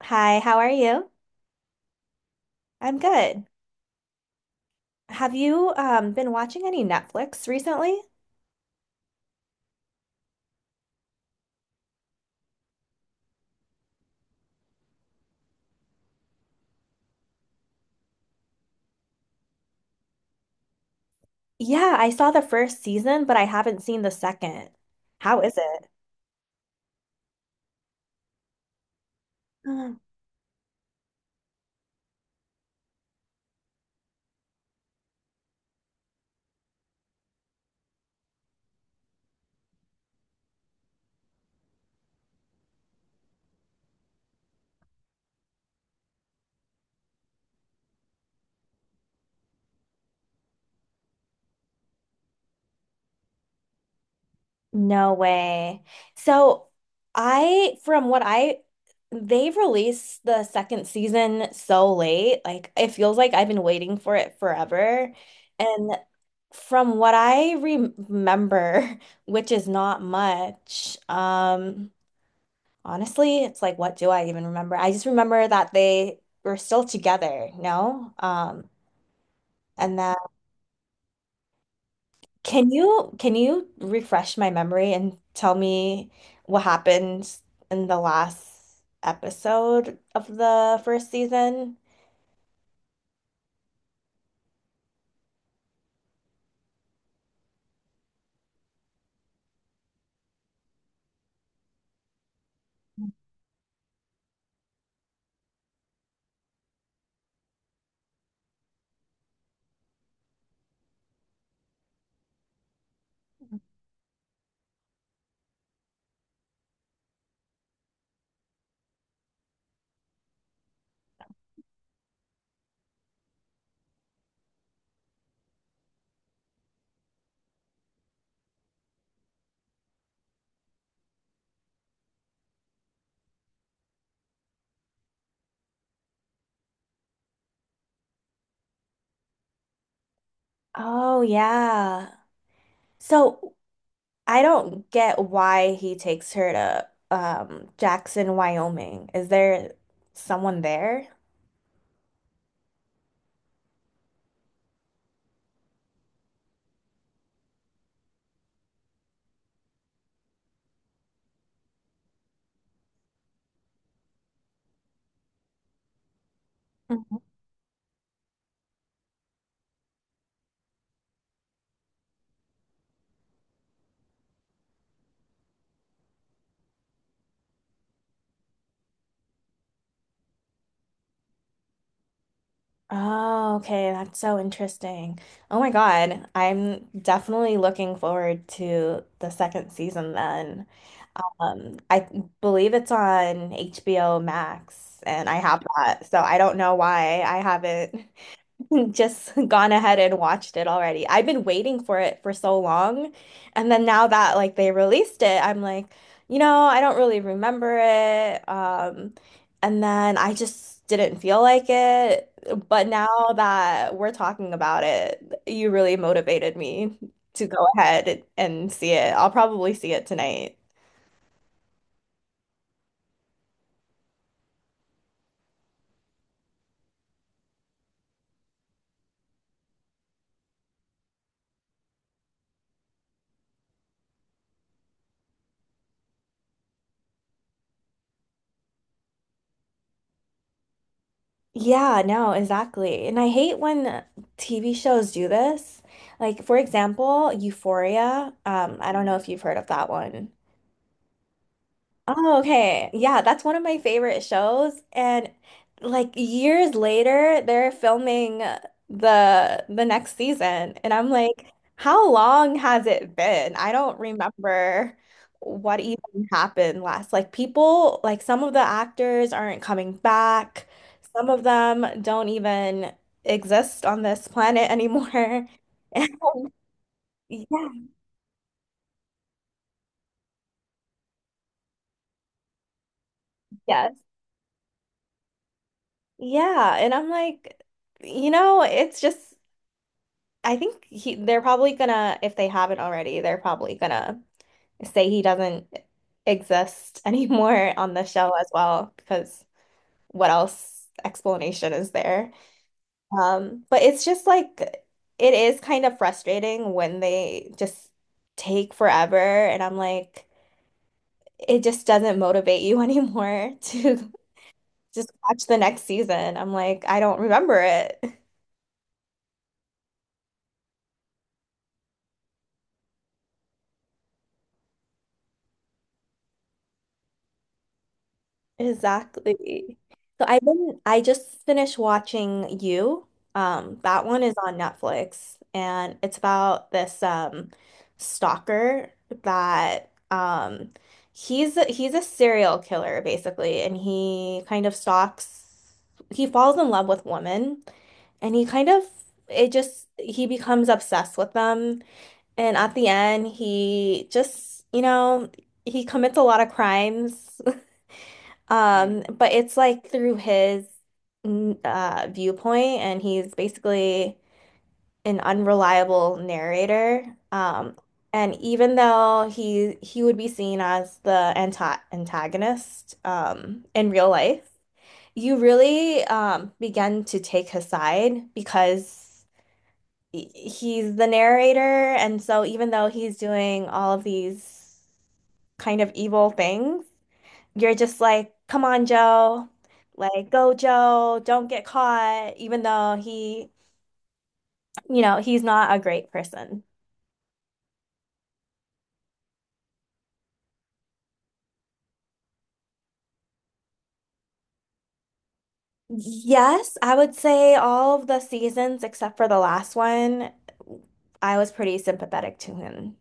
Hi, how are you? I'm good. Have you been watching any Netflix recently? Yeah, I saw the first season, but I haven't seen the second. How is it? Mm. No way. So, I from what I They've released the second season so late. Like, it feels like I've been waiting for it forever. And from what I remember, which is not much, honestly, it's like, what do I even remember? I just remember that they were still together, no? And then Can you refresh my memory and tell me what happened in the last episode of the first season? Oh yeah. So I don't get why he takes her to Jackson, Wyoming. Is there someone there? Oh, okay. That's so interesting. Oh my God, I'm definitely looking forward to the second season then. I believe it's on HBO Max, and I have that. So I don't know why I haven't just gone ahead and watched it already. I've been waiting for it for so long. And then now that like they released it, I'm like, you know, I don't really remember it. And then I just didn't feel like it. But now that we're talking about it, you really motivated me to go ahead and see it. I'll probably see it tonight. Yeah, no, exactly. And I hate when TV shows do this. Like, for example, Euphoria. I don't know if you've heard of that one. Oh, okay. Yeah, that's one of my favorite shows. And like, years later, they're filming the next season. And I'm like, how long has it been? I don't remember what even happened last. Like people, like some of the actors aren't coming back. Some of them don't even exist on this planet anymore. Yeah, yes. Yeah. And I'm like, you know, it's just, I think he they're probably gonna, if they haven't already, they're probably gonna say he doesn't exist anymore on the show as well, because what else explanation is there? But it's just like, it is kind of frustrating when they just take forever, and I'm like, it just doesn't motivate you anymore to just watch the next season. I'm like, I don't remember it. Exactly. I just finished watching You. That one is on Netflix and it's about this stalker that he's a serial killer basically, and he kind of stalks he falls in love with women, and he kind of, it just he becomes obsessed with them, and at the end he just, you know, he commits a lot of crimes, but it's like through his viewpoint, and he's basically an unreliable narrator. And even though he would be seen as the antagonist in real life, you really begin to take his side because he's the narrator, and so even though he's doing all of these kind of evil things, you're just like, come on, Joe. Like, go, Joe. Don't get caught, even though he, you know, he's not a great person. Yes, I would say all of the seasons except for the last one, I was pretty sympathetic to him.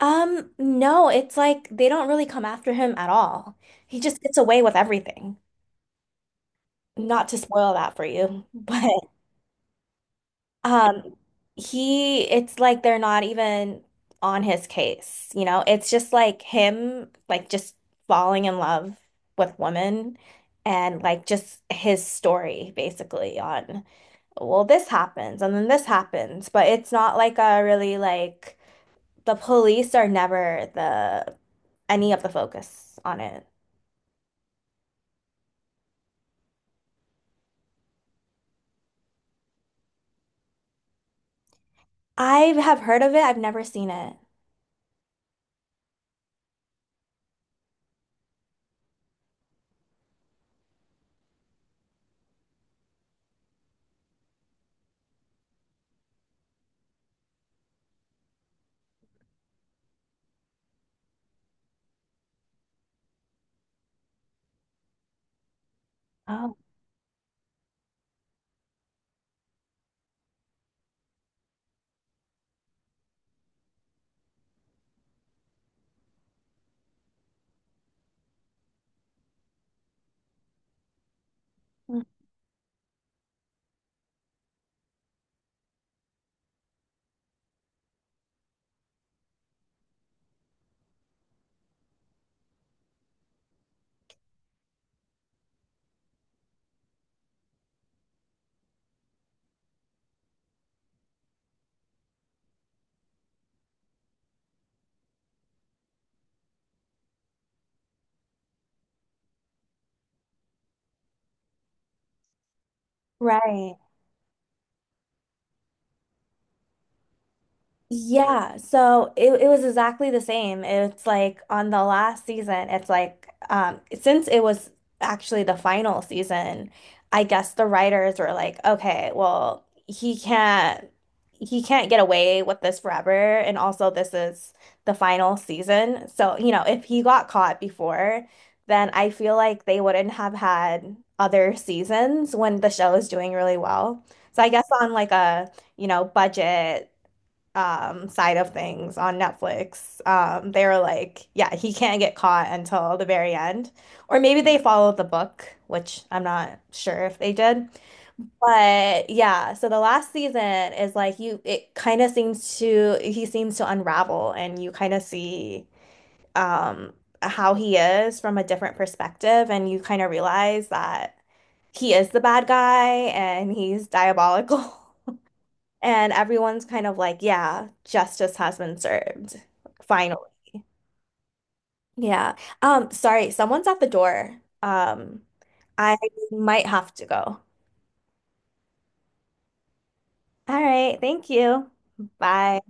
No, it's like they don't really come after him at all. He just gets away with everything. Not to spoil that for you, but Um, it's like they're not even on his case, you know? It's just like him, like just falling in love with women, and like just his story basically on, well, this happens and then this happens, but it's not like a really like, the police are never the any of the focus on it. I have heard of it, I've never seen it. Oh, right. Yeah, so it was exactly the same. It's like on the last season, it's like, since it was actually the final season, I guess the writers were like, okay, well, he can't get away with this forever, and also this is the final season. So, you know, if he got caught before, then I feel like they wouldn't have had other seasons when the show is doing really well. So I guess on like a, you know, budget side of things on Netflix, they were like, yeah, he can't get caught until the very end. Or maybe they followed the book, which I'm not sure if they did. But yeah, so the last season is like, you it kind of seems to, he seems to unravel, and you kind of see um how he is from a different perspective, and you kind of realize that he is the bad guy and he's diabolical. And everyone's kind of like, yeah, justice has been served. Finally. Yeah. Sorry, someone's at the door. I might have to go. All right, thank you. Bye.